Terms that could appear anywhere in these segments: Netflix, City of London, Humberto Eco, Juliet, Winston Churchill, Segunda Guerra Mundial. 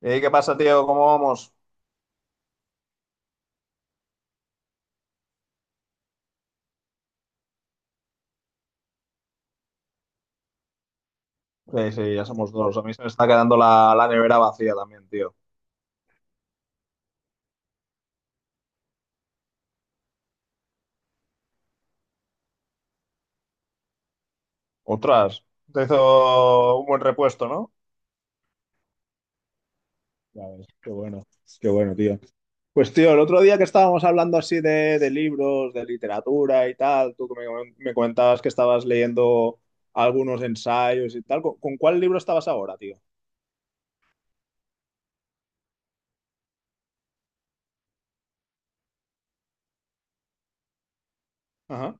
Ey, ¿qué pasa, tío? ¿Cómo vamos? Sí, sí, ya somos dos. A mí se me está quedando la nevera vacía también, tío. Otras. Te hizo un buen repuesto, ¿no? Ya ves, qué bueno, tío. Pues, tío, el otro día que estábamos hablando así de libros, de literatura y tal, tú que me comentabas que estabas leyendo algunos ensayos y tal, ¿con cuál libro estabas ahora, tío? Ajá.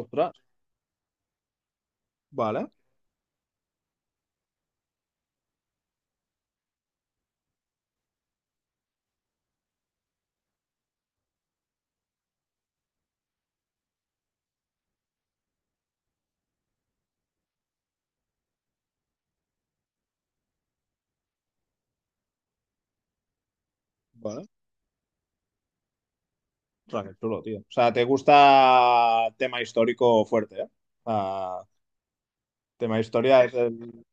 Ostras. Vale, vale. Ostras, qué chulo, tío. O sea, te gusta tema histórico fuerte, ¿eh? Ah, tema historia es el...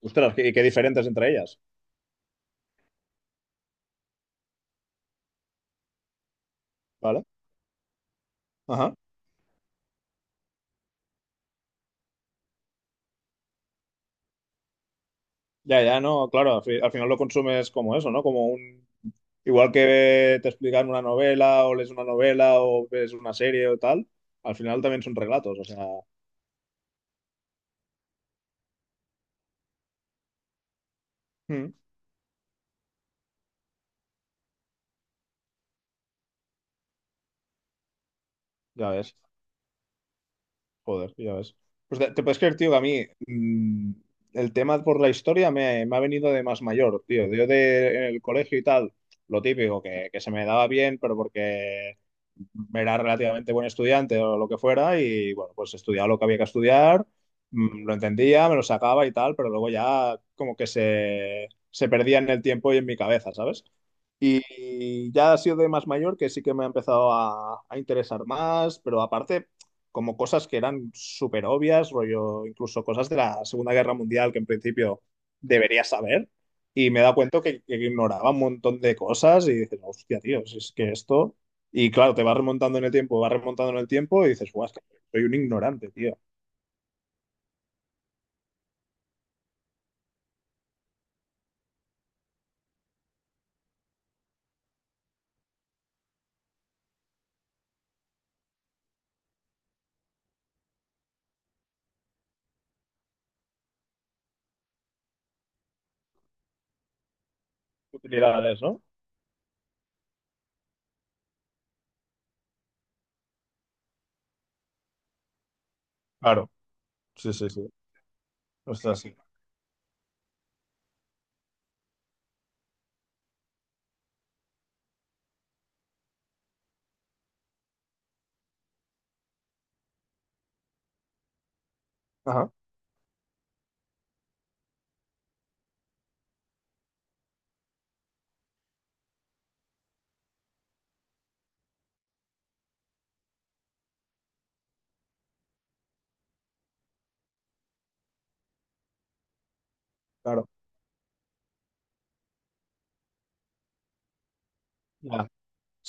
Ostras, y qué diferentes entre ellas, ¿vale? Ajá. Ya, ya, no, claro, al, al final lo consumes como eso, ¿no? Como un... Igual que te explican una novela o lees una novela o ves una serie o tal, al final también son relatos, o sea, mm, ya ves. Joder, ya ves. Pues te puedes creer, tío, que a mí, el tema por la historia me ha venido de más mayor, tío. Yo de, en el colegio y tal, lo típico, que, se me daba bien, pero porque era relativamente buen estudiante o lo que fuera, y bueno, pues estudiaba lo que había que estudiar, lo entendía, me lo sacaba y tal, pero luego ya como que se perdía en el tiempo y en mi cabeza, ¿sabes? Y ya ha sido de más mayor que sí que me ha empezado a interesar más, pero aparte, como cosas que eran súper obvias, rollo, incluso cosas de la Segunda Guerra Mundial que en principio debería saber. Y me he dado cuenta que ignoraba un montón de cosas y dices, hostia, tío, si es que esto. Y claro, te vas remontando en el tiempo, vas remontando en el tiempo y dices, guau, es que soy un ignorante, tío. Utilidades, ¿no? Claro, sí, sí, sí. O sea, sí. Ajá, claro.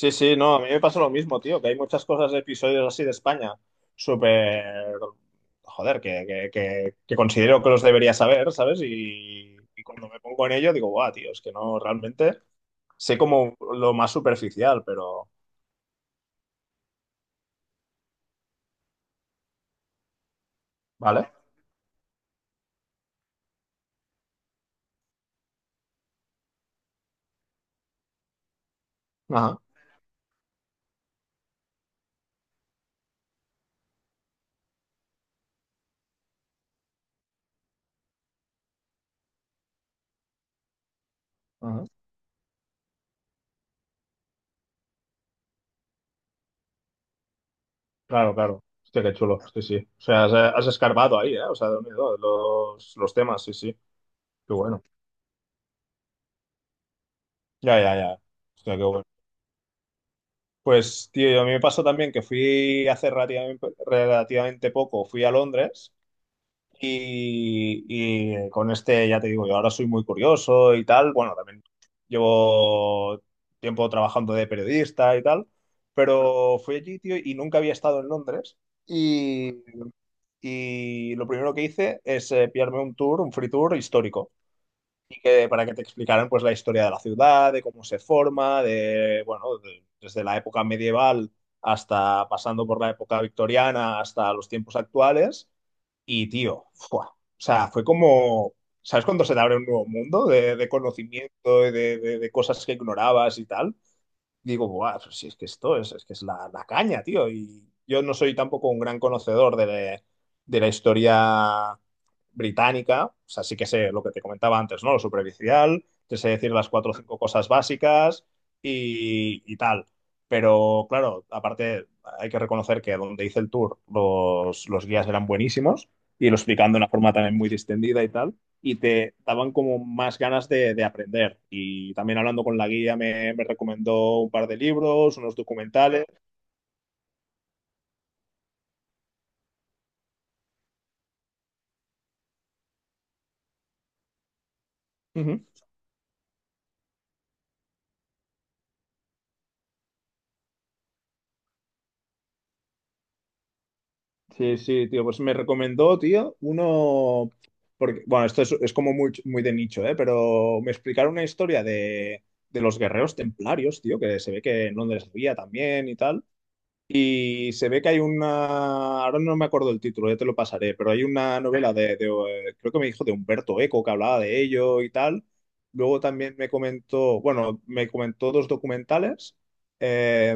Sí, sí, no, a mí me pasa lo mismo, tío, que hay muchas cosas de episodios así de España, súper, joder, que, que considero que los debería saber, ¿sabes? Y cuando me pongo en ello digo, guau, tío, es que no, realmente sé como lo más superficial, pero, ¿vale? Ajá, ajá. Claro, claro. Hostia, qué chulo, sí, sí. O sea, has, has escarbado ahí, ¿eh? O sea, de unido los temas, sí, sí. Qué bueno. Ya, ya, ya. Hostia, qué bueno. Pues, tío, a mí me pasó también que fui hace relativamente, relativamente poco, fui a Londres y con este, ya te digo, yo ahora soy muy curioso y tal. Bueno, también llevo tiempo trabajando de periodista y tal, pero fui allí, tío, y nunca había estado en Londres. Y, y lo primero que hice es pillarme un tour, un free tour histórico que, para que te explicaran pues la historia de la ciudad, de cómo se forma, de, bueno, desde la época medieval hasta pasando por la época victoriana hasta los tiempos actuales. Y tío, ¡fua! O sea, fue como, ¿sabes cuando se te abre un nuevo mundo de conocimiento y de, de cosas que ignorabas y tal? Digo, buah, pues si es que esto es que es la, la caña, tío. Y yo no soy tampoco un gran conocedor de, de la historia británica, o sea, sí que sé lo que te comentaba antes, ¿no? Lo superficial, te sé decir las cuatro o cinco cosas básicas y tal. Pero claro, aparte hay que reconocer que donde hice el tour los guías eran buenísimos y lo explicando de una forma también muy distendida y tal y te daban como más ganas de aprender. Y también hablando con la guía me recomendó un par de libros, unos documentales. Ujú. Sí, sí, tío, pues me recomendó, tío, uno, porque, bueno, esto es como muy, muy de nicho, ¿eh? Pero me explicaron una historia de los guerreros templarios, tío, que se ve que en Londres había también y tal. Y se ve que hay una, ahora no me acuerdo el título, ya te lo pasaré, pero hay una novela de creo que me dijo de Humberto Eco que hablaba de ello y tal. Luego también me comentó, bueno, me comentó dos documentales. Eh,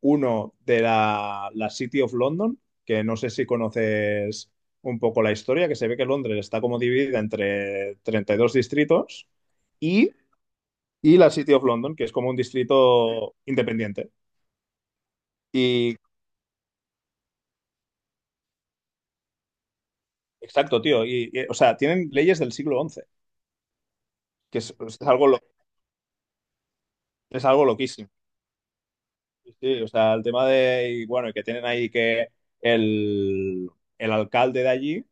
uno de la City of London, que no sé si conoces un poco la historia, que se ve que Londres está como dividida entre 32 distritos y, y la City of London, que es como un distrito independiente. Y exacto, tío. Y, o sea, tienen leyes del siglo XI, que es algo, es algo loquísimo. Sí, sí, o sea, el tema de, y bueno, y que tienen ahí que el, el alcalde de allí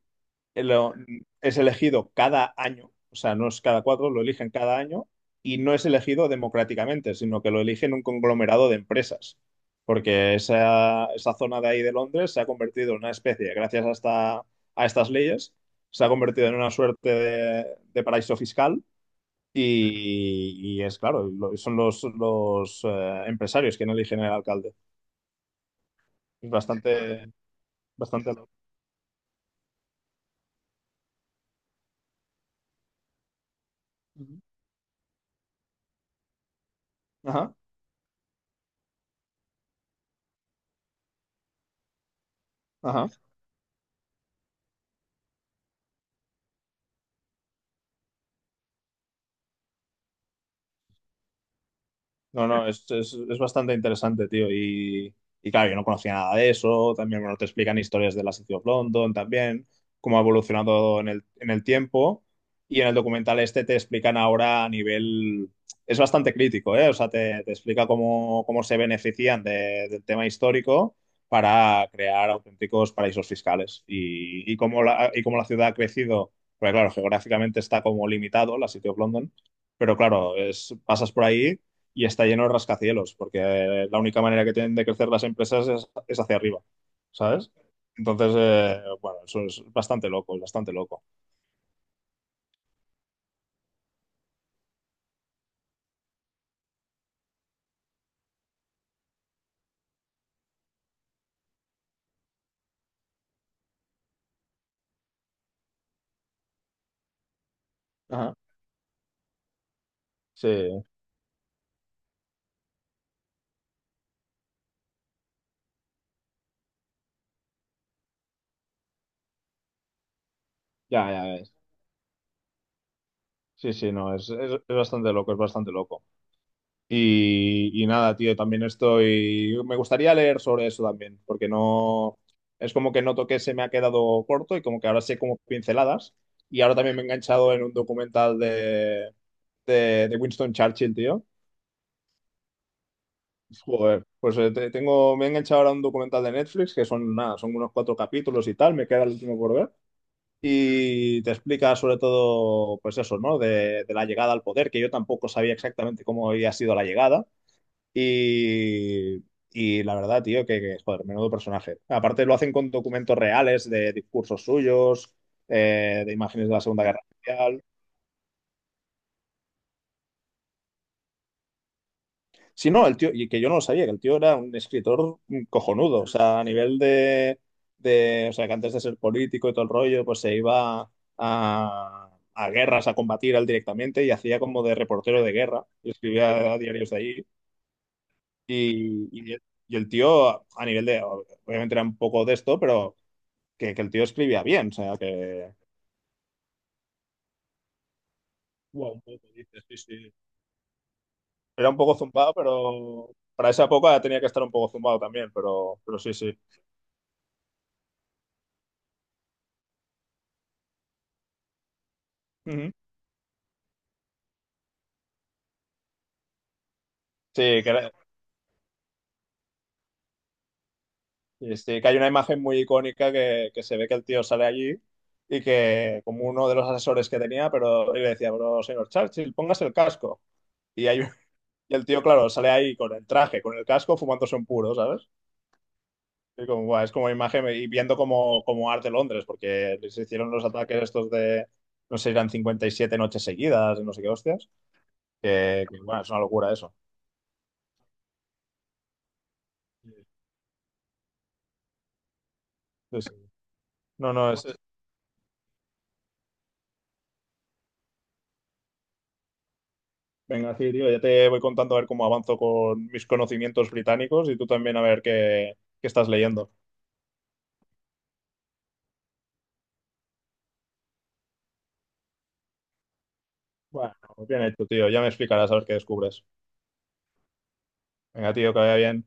eh, lo- es elegido cada año, o sea, no es cada cuatro, lo eligen cada año y no es elegido democráticamente, sino que lo eligen un conglomerado de empresas, porque esa zona de ahí de Londres se ha convertido en una especie, gracias a, a estas leyes, se ha convertido en una suerte de paraíso fiscal. Y es claro, son los empresarios quienes eligen al alcalde. Es bastante, bastante loco. Ujú. Ajá, ajá. No, no, es bastante interesante, tío. Y claro, yo no conocía nada de eso. También, bueno, te explican historias de la City of London también, cómo ha evolucionado en el tiempo. Y en el documental este te explican ahora a nivel... Es bastante crítico, ¿eh? O sea, te explica cómo, cómo se benefician del tema histórico para crear auténticos paraísos fiscales. Y cómo la ciudad ha crecido. Porque claro, geográficamente está como limitado la City of London. Pero claro, es, pasas por ahí y está lleno de rascacielos, porque la única manera que tienen de crecer las empresas es hacia arriba, ¿sabes? Entonces, bueno, eso es bastante loco, es bastante loco. Ajá. Sí, ya, ya ves. Sí, sí, no, es bastante loco, es bastante loco. Y nada, tío, también estoy... Me gustaría leer sobre eso también, porque no... Es como que noto que se me ha quedado corto y como que ahora sé como pinceladas. Y ahora también me he enganchado en un documental de Winston Churchill, tío. Joder, pues tengo, me he enganchado ahora a un documental de Netflix que son nada, son unos cuatro capítulos y tal, me queda el último por ver. Y te explica sobre todo, pues eso, ¿no? De la llegada al poder, que yo tampoco sabía exactamente cómo había sido la llegada. Y, y la verdad, tío, que, joder, menudo personaje. Aparte lo hacen con documentos reales de discursos suyos, de imágenes de la Segunda Guerra Mundial. Sí, no, el tío, y que yo no lo sabía, que el tío era un escritor cojonudo, o sea, a nivel de, o sea, que antes de ser político y todo el rollo, pues se iba a, a guerras a combatir él directamente y hacía como de reportero de guerra, y escribía diarios de ahí, y, el tío, a nivel de, obviamente era un poco de esto, pero que el tío escribía bien, o sea, que... Wow, un poco, dices, sí, sí. Era un poco zumbado, pero para esa época tenía que estar un poco zumbado también, pero sí, sí. Ujú. Sí, que era, este, que hay una imagen muy icónica que se ve que el tío sale allí y que como uno de los asesores que tenía, pero y le decía, pero señor Churchill, póngase el casco. Y, hay, un- y el tío, claro, sale ahí con el traje, con el casco, fumándose un puro, ¿sabes? Y como, "Buah, es como imagen y viendo como, como arte Londres, porque les hicieron los ataques estos de, no sé, eran 57 noches seguidas, no sé qué hostias, que, bueno, es una locura eso. Sí, sí. No, no, es, venga, sí, tío, ya te voy contando a ver cómo avanzo con mis conocimientos británicos y tú también a ver qué, qué estás leyendo. Bueno, bien hecho, tío, ya me explicarás a ver qué descubres. Venga, tío, que vaya bien.